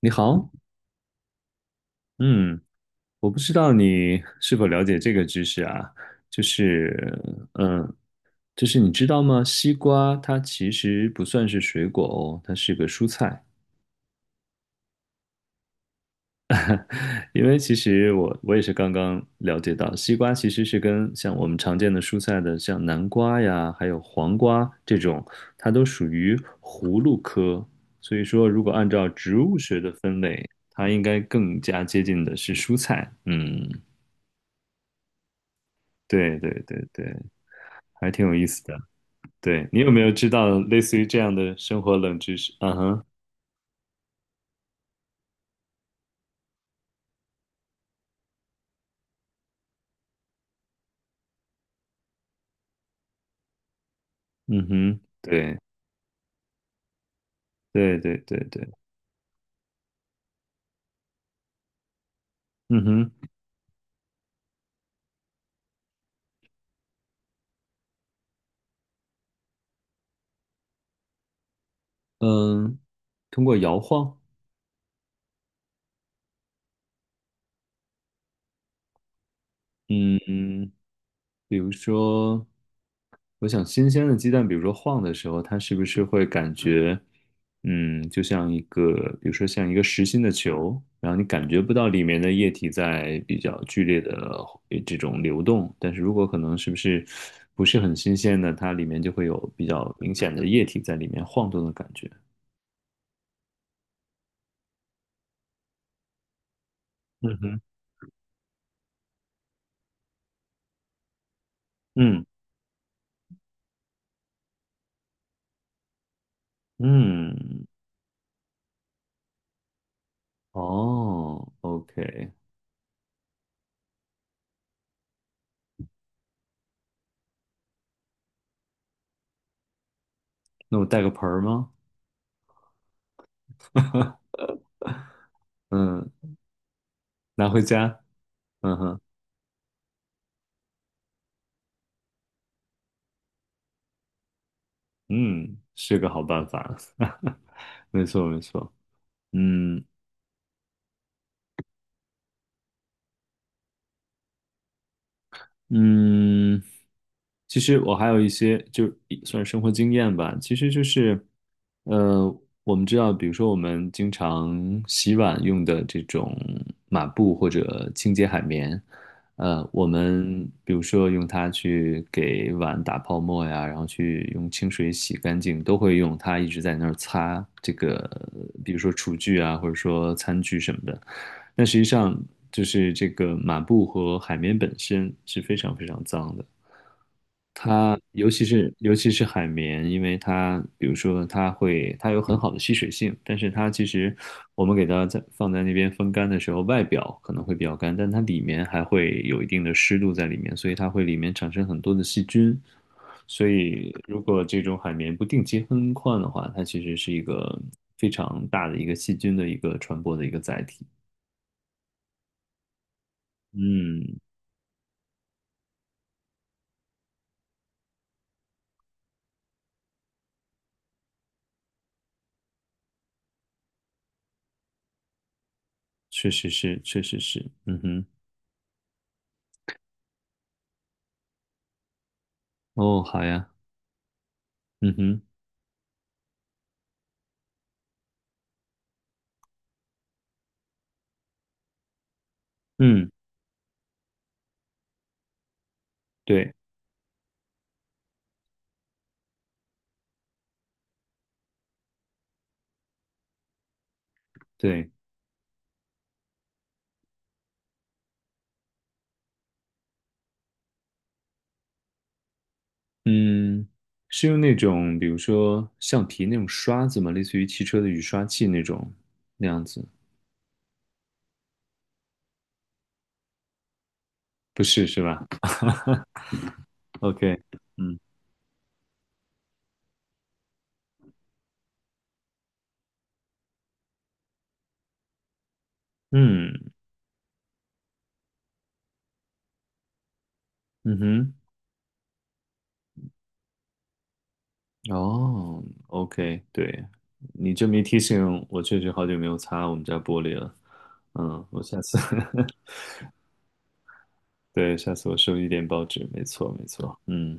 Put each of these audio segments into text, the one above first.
你好，嗯，我不知道你是否了解这个知识啊，就是，嗯，就是你知道吗？西瓜它其实不算是水果哦，它是个蔬菜。因为其实我也是刚刚了解到，西瓜其实是跟像我们常见的蔬菜的，像南瓜呀，还有黄瓜这种，它都属于葫芦科。所以说，如果按照植物学的分类，它应该更加接近的是蔬菜。嗯，对对对对。还挺有意思的。对，你有没有知道类似于这样的生活冷知识？嗯哼，嗯哼，对，对对对对，嗯哼，嗯，通过摇晃，嗯，比如说，我想新鲜的鸡蛋，比如说晃的时候，它是不是会感觉，就像一个，比如说像一个实心的球，然后你感觉不到里面的液体在比较剧烈的这种流动，但是如果可能是不是很新鲜的，它里面就会有比较明显的液体在里面晃动的感觉。嗯哼，嗯嗯，哦，OK，那我带个盆儿吗？嗯，拿回家。嗯哼。嗯，是个好办法。没错，没错。嗯嗯，其实我还有一些，就是算是生活经验吧。其实就是，呃，我们知道，比如说我们经常洗碗用的这种抹布或者清洁海绵，我们比如说用它去给碗打泡沫呀，然后去用清水洗干净，都会用它一直在那儿擦这个，比如说厨具啊，或者说餐具什么的。那实际上就是这个抹布和海绵本身是非常非常脏的。它尤其是海绵，因为它比如说它有很好的吸水性，但是它其实我们给它在放在那边风干的时候，外表可能会比较干，但它里面还会有一定的湿度在里面，所以它会里面产生很多的细菌。所以如果这种海绵不定期更换的话，它其实是一个非常大的一个细菌的一个传播的一个载体。嗯，确实是，确实是，嗯哼，哦，好呀，嗯哼，嗯，对。对嗯，是用那种比如说橡皮那种刷子吗？类似于汽车的雨刷器那种那样子？不是是吧？OK，嗯嗯嗯哼，哦，OK，对，你这么一提醒，我确实好久没有擦我们家玻璃了。我下次，对，下次我收一点报纸，没错没错。嗯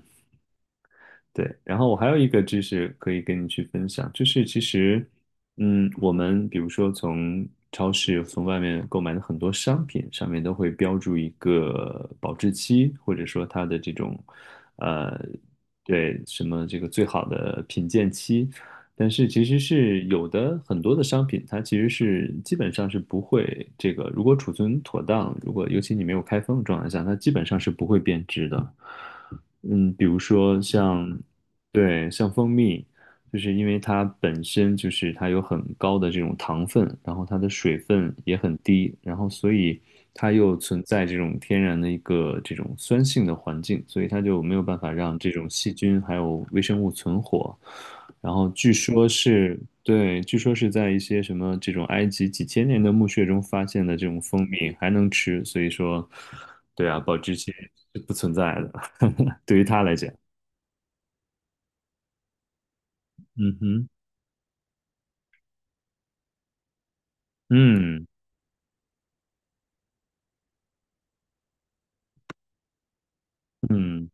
对，然后我还有一个知识可以跟你去分享，就是其实，我们比如说从超市、从外面购买的很多商品上面都会标注一个保质期，或者说它的这种，呃，对，什么这个最好的品鉴期，但是其实是有的很多的商品，它其实是基本上是不会这个，如果储存妥当，如果尤其你没有开封的状态下，它基本上是不会变质的。比如说像，对，像蜂蜜，就是因为它本身就是它有很高的这种糖分，然后它的水分也很低，然后所以它又存在这种天然的一个这种酸性的环境，所以它就没有办法让这种细菌还有微生物存活。然后据说是，对，据说是在一些什么这种埃及几千年的墓穴中发现的这种蜂蜜还能吃，所以说，对啊，保质期是不存在的。对于他来讲，嗯哼，嗯嗯。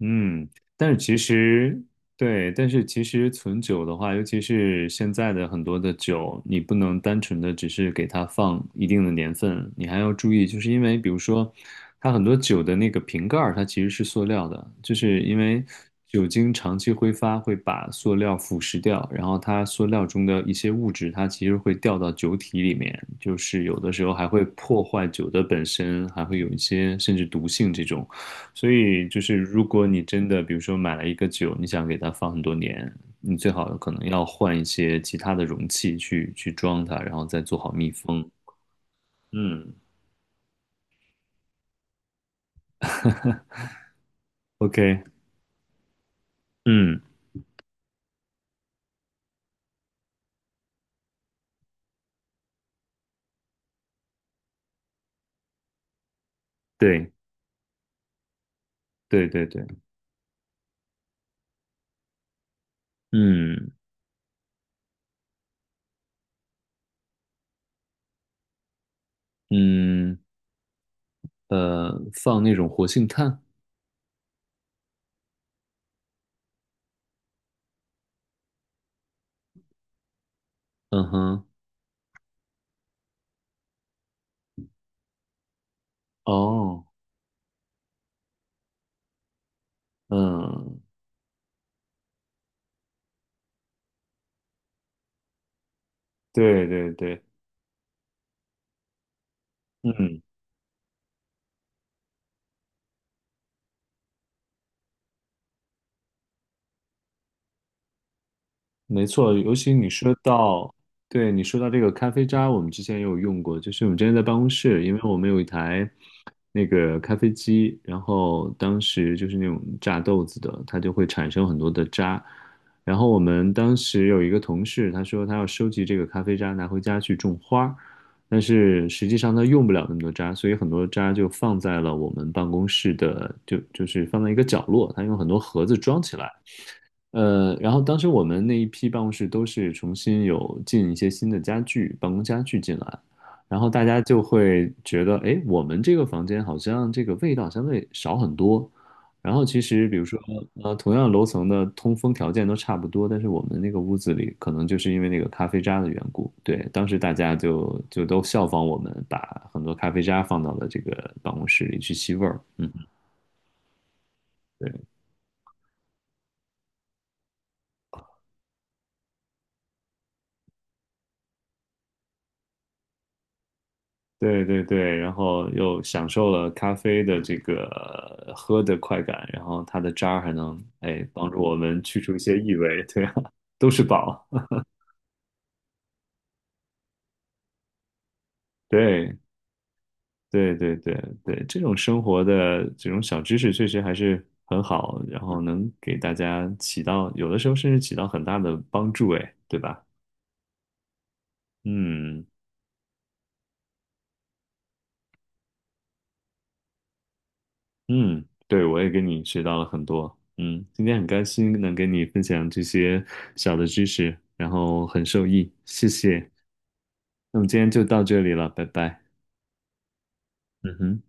嗯，但是其实对，但是其实存酒的话，尤其是现在的很多的酒，你不能单纯的只是给它放一定的年份，你还要注意，就是因为比如说，它很多酒的那个瓶盖儿它其实是塑料的，就是因为酒精长期挥发会把塑料腐蚀掉，然后它塑料中的一些物质，它其实会掉到酒体里面，就是有的时候还会破坏酒的本身，还会有一些甚至毒性这种。所以就是，如果你真的，比如说买了一个酒，你想给它放很多年，你最好可能要换一些其他的容器去装它，然后再做好密封。嗯，OK，嗯，对对对对，嗯嗯放那种活性炭，嗯哼，哦，嗯，对对对，嗯没错，尤其你说到，对，你说到这个咖啡渣，我们之前也有用过，就是我们之前在办公室，因为我们有一台那个咖啡机，然后当时就是那种榨豆子的，它就会产生很多的渣。然后我们当时有一个同事，他说他要收集这个咖啡渣拿回家去种花儿，但是实际上他用不了那么多渣，所以很多渣就放在了我们办公室的，就是放在一个角落，他用很多盒子装起来。然后当时我们那一批办公室都是重新有进一些新的家具，办公家具进来，然后大家就会觉得，哎，我们这个房间好像这个味道相对少很多。然后其实比如说，同样楼层的通风条件都差不多，但是我们那个屋子里可能就是因为那个咖啡渣的缘故，对，当时大家就都效仿我们，把很多咖啡渣放到了这个办公室里去吸味儿。嗯，对对对，然后又享受了咖啡的这个喝的快感，然后它的渣儿还能哎帮助我们去除一些异味，对啊，都是宝。对对对对对，这种生活的这种小知识确实还是很好，然后能给大家起到有的时候甚至起到很大的帮助，哎，对吧？嗯嗯，对，我也跟你学到了很多。嗯，今天很开心能跟你分享这些小的知识，然后很受益，谢谢。那么今天就到这里了，拜拜。嗯哼。